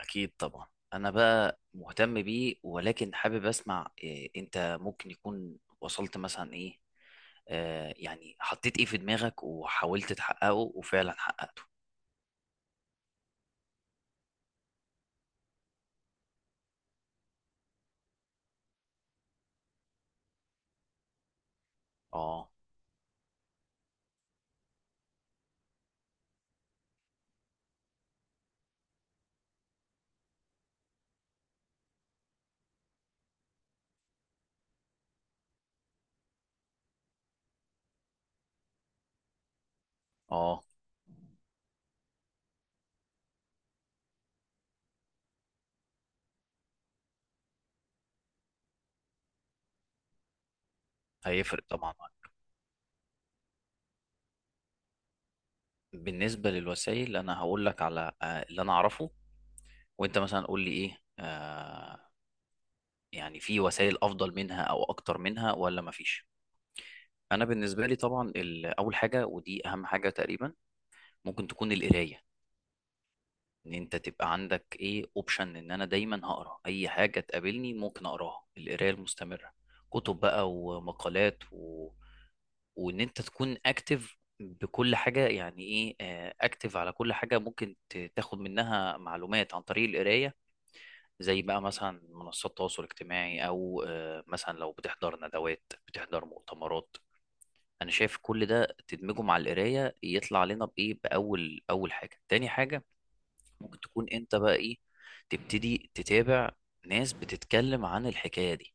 أكيد طبعا. أنا بقى مهتم بيه، ولكن حابب أسمع إيه أنت ممكن يكون وصلت مثلا، إيه، يعني حطيت إيه في دماغك وحاولت تحققه وفعلا حققته؟ آه آه، هيفرق طبعا. بالنسبة للوسائل أنا هقول لك على اللي أنا أعرفه، وأنت مثلا قول لي إيه، يعني في وسائل أفضل منها أو أكتر منها ولا مفيش؟ أنا بالنسبة لي طبعا، أول حاجة ودي أهم حاجة تقريبا، ممكن تكون القراية. ان انت تبقى عندك ايه، اوبشن ان انا دايما هقرا اي حاجه تقابلني ممكن اقراها، القرايه المستمره، كتب بقى ومقالات و... وان انت تكون اكتف بكل حاجه، يعني ايه اكتف؟ على كل حاجه ممكن تاخد منها معلومات عن طريق القرايه، زي بقى مثلا منصات التواصل الاجتماعي، او مثلا لو بتحضر ندوات، بتحضر مؤتمرات. انا شايف كل ده تدمجه مع القرايه يطلع لنا بايه، باول اول حاجه. تاني حاجه، ممكن تكون انت بقى ايه، تبتدي تتابع ناس بتتكلم عن الحكاية دي،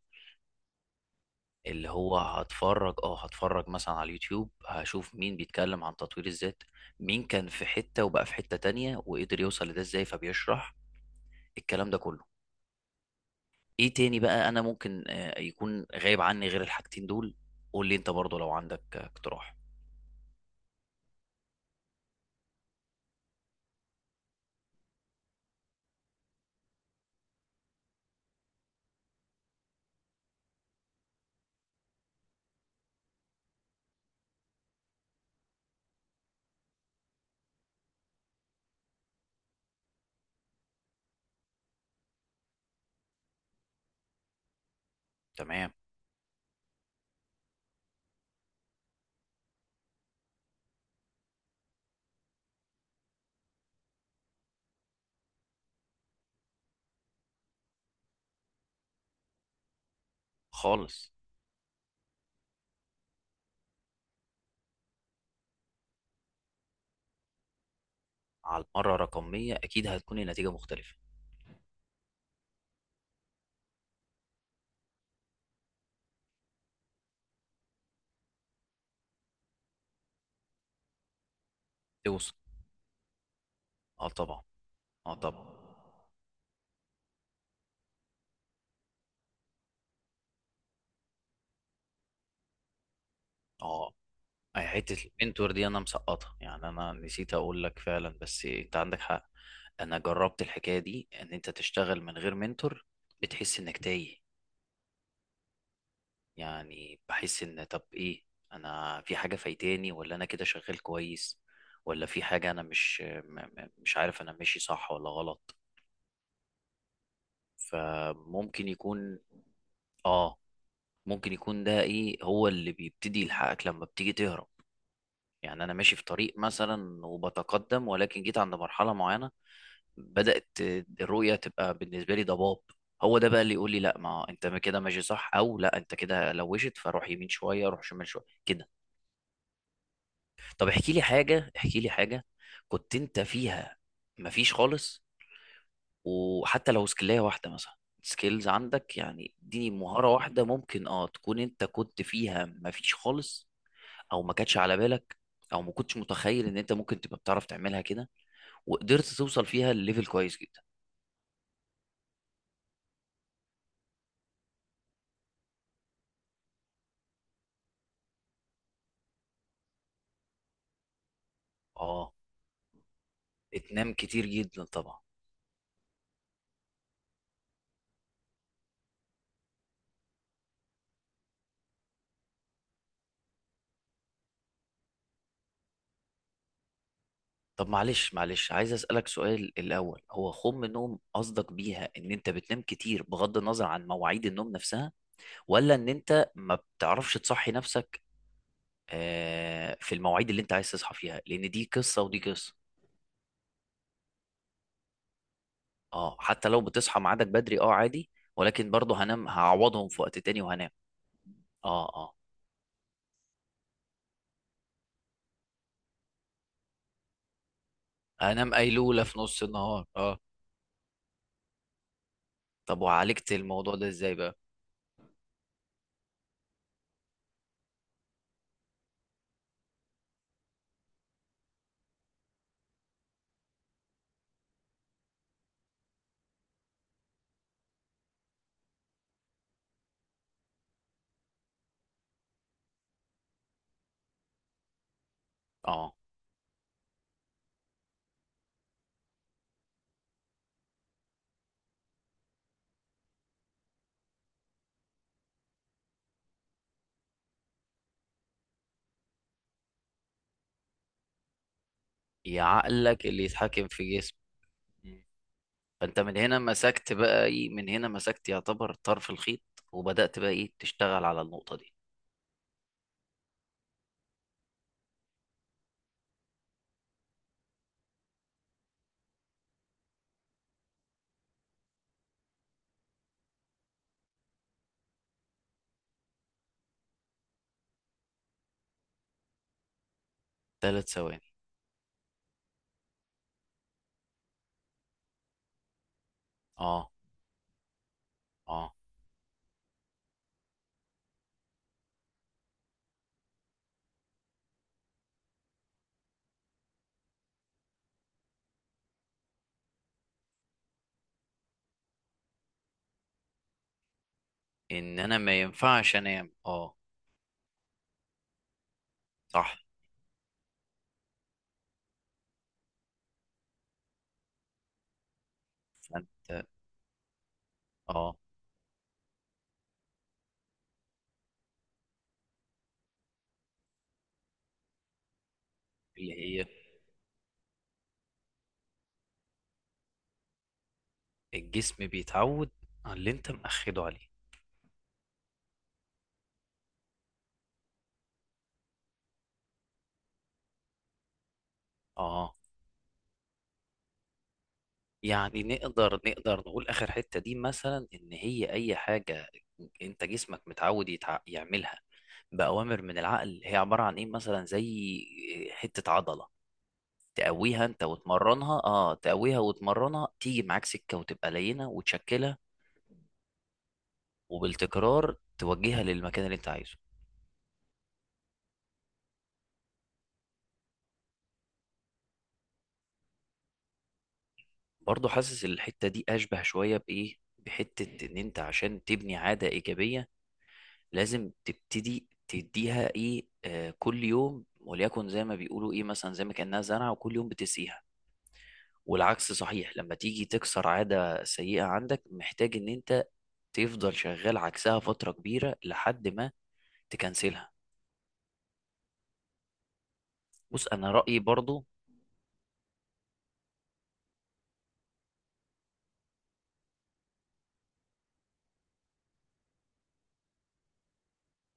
اللي هو هتفرج، اه هتفرج مثلا على اليوتيوب، هشوف مين بيتكلم عن تطوير الذات، مين كان في حتة وبقى في حتة تانية وقدر يوصل لده ازاي، فبيشرح الكلام ده كله. ايه تاني بقى انا ممكن يكون غايب عني غير الحاجتين دول؟ قول لي انت برضو لو عندك اقتراح. تمام. خالص. على المرة رقم 100 اكيد هتكون النتيجة مختلفة. توصل. اه طبعا. اه طبعا. اه، أي حتة المنتور دي أنا مسقطها، يعني أنا نسيت أقول لك، فعلا بس أنت عندك حق. أنا جربت الحكاية دي، إن أنت تشتغل من غير منتور بتحس إنك تايه. يعني بحس إن طب إيه، أنا في حاجة فايتاني ولا أنا كده شغال كويس؟ ولا في حاجة أنا مش م- م- مش عارف أنا ماشي صح ولا غلط؟ فممكن يكون، آه، ممكن يكون ده إيه هو اللي بيبتدي يلحقك لما بتيجي تهرب. يعني أنا ماشي في طريق مثلا وبتقدم، ولكن جيت عند مرحلة معينة بدأت الرؤية تبقى بالنسبة لي ضباب. هو ده بقى اللي يقول لي لا ما انت ما كده ماشي صح، او لا انت كده لوشت فروح يمين شوية، روح شمال شوية كده. طب احكي لي حاجة، احكي لي حاجة كنت انت فيها مفيش خالص، وحتى لو سكلاية واحدة مثلا، سكيلز عندك، يعني اديني مهارة واحدة ممكن اه تكون انت كنت فيها مفيش خالص، او ما كانتش على بالك، او ما كنتش متخيل ان انت ممكن تبقى بتعرف تعملها كده وقدرت توصل فيها لليفل كويس جدا. اه، بتنام كتير جدا طبعا. طب معلش معلش، عايز اسالك سؤال الاول، هو خوم النوم قصدك بيها ان انت بتنام كتير بغض النظر عن مواعيد النوم نفسها، ولا ان انت ما بتعرفش تصحي نفسك في المواعيد اللي انت عايز تصحى فيها؟ لان دي قصه ودي قصه. اه حتى لو بتصحى ميعادك بدري اه عادي، ولكن برضه هنام، هعوضهم في وقت تاني وهنام. اه اه. هنام قيلوله في نص النهار، اه. طب وعالجت الموضوع ده ازاي بقى؟ اه. يا عقلك اللي يتحكم في جسمك. فانت من هنا مسكت بقى ايه، من هنا مسكت يعتبر طرف الخيط، وبدأت بقى ايه تشتغل على النقطة دي. 3 ثواني. اه. اه. ان انا ما ينفعش انام، اه. صح. فانت. اه. اللي هي. الجسم بيتعود على اللي انت مأخده عليه. اه آه. يعني نقدر، نقدر نقول اخر حتة دي مثلا ان هي اي حاجة انت جسمك متعود يعملها بأوامر من العقل، هي عبارة عن ايه مثلا؟ زي حتة عضلة تقويها انت وتمرنها، اه تقويها وتمرنها تيجي معاك سكه وتبقى لينه وتشكلها. وبالتكرار توجهها للمكان اللي انت عايزه. برضه حاسس الحته دي اشبه شويه بايه، بحته ان انت عشان تبني عاده ايجابيه لازم تبتدي تديها ايه كل يوم، وليكن زي ما بيقولوا ايه مثلا، زي ما كانها زرعه وكل يوم بتسقيها. والعكس صحيح، لما تيجي تكسر عاده سيئه عندك محتاج ان انت تفضل شغال عكسها فتره كبيره لحد ما تكنسلها. بص انا رايي برضو.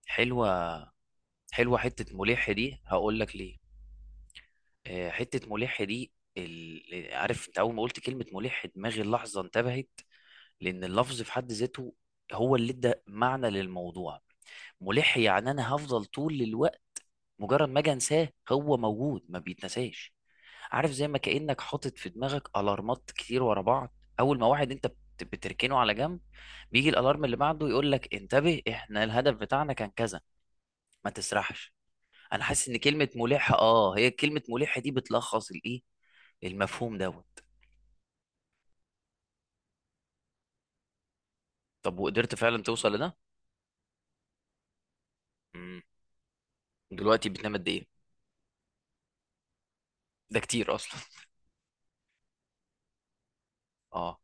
حلوه. حلوه حته ملح دي، هقول لك ليه. حته ملح دي عارف انت اول ما قلت كلمه ملح دماغي اللحظه انتبهت، لان اللفظ في حد ذاته هو اللي ادى معنى للموضوع. ملح يعني انا هفضل طول الوقت، مجرد ما اجي انساه هو موجود، ما بيتنساش. عارف زي ما كانك حاطط في دماغك الارمات كتير ورا بعض، اول ما واحد انت بتركنه على جنب بيجي الالارم اللي بعده يقول لك انتبه، احنا الهدف بتاعنا كان كذا، ما تسرحش. انا حاسس ان كلمه ملحه، اه، هي كلمه ملحه دي بتلخص الايه، المفهوم دوت. طب وقدرت فعلا توصل لده؟ امم. دلوقتي بتنام قد ايه؟ ده كتير اصلا. اه.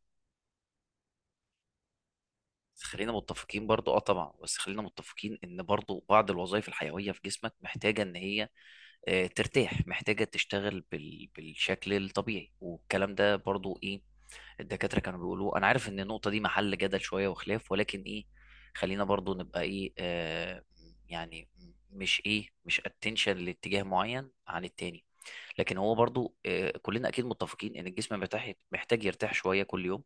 بس خلينا متفقين برضو، اه طبعا، بس خلينا متفقين ان برضو بعض الوظائف الحيويه في جسمك محتاجه ان هي ترتاح، محتاجه تشتغل بالشكل الطبيعي، والكلام ده برضو ايه، الدكاترة كانوا بيقولوا. أنا عارف إن النقطة دي محل جدل شوية وخلاف، ولكن إيه، خلينا برضو نبقى إيه، يعني، مش إيه، مش اتنشن لاتجاه معين عن التاني، لكن هو برضو كلنا أكيد متفقين إن الجسم محتاج يرتاح شوية كل يوم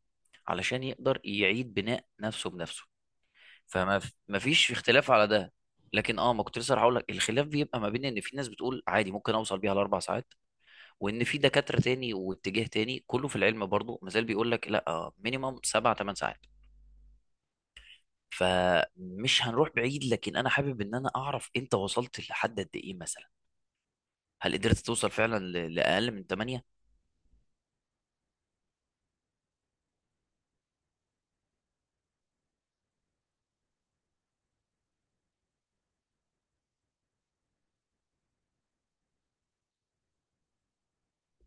علشان يقدر يعيد بناء نفسه بنفسه. ما فيش اختلاف على ده. لكن اه ما كنت لسه هقول لك، الخلاف بيبقى ما بين ان في ناس بتقول عادي ممكن اوصل بيها ل4 ساعات، وان في دكاتره تاني واتجاه تاني كله في العلم برضو مازال بيقول لك لا، مينيمم 7 8 ساعات. فمش هنروح بعيد، لكن انا حابب ان انا اعرف انت وصلت لحد قد ايه مثلا، هل قدرت توصل فعلا لاقل من 8؟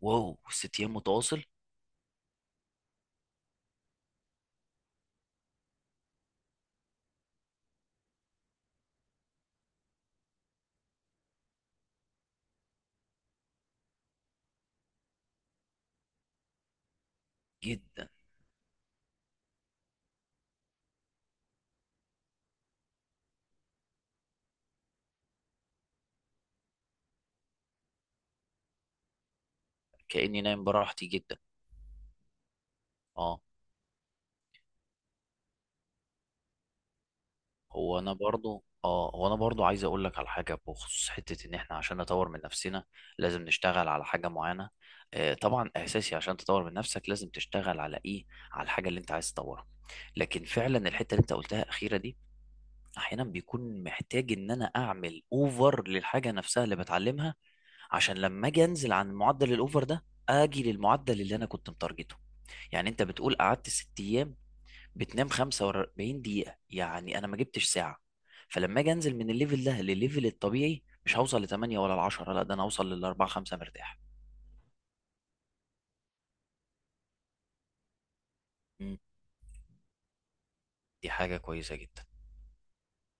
واو، 6 ايام متواصل جدا. كاني نايم براحتي جدا، اه. هو انا برضو عايز اقول لك على حاجه بخصوص حته ان احنا عشان نطور من نفسنا لازم نشتغل على حاجه معينه، آه طبعا اساسي، عشان تطور من نفسك لازم تشتغل على ايه، على الحاجه اللي انت عايز تطورها. لكن فعلا الحته اللي انت قلتها اخيره دي، احيانا بيكون محتاج ان انا اعمل اوفر للحاجه نفسها اللي بتعلمها، عشان لما اجي انزل عن معدل الاوفر ده اجي للمعدل اللي انا كنت متارجته. يعني انت بتقول قعدت 6 ايام بتنام 45 دقيقة، يعني أنا ما جبتش ساعة، فلما أجي أنزل من الليفل ده للليفل الطبيعي مش هوصل ل 8 ولا ل 10، لا ده أنا هوصل لل 4 5 مرتاح. مم. دي حاجة كويسة جدا.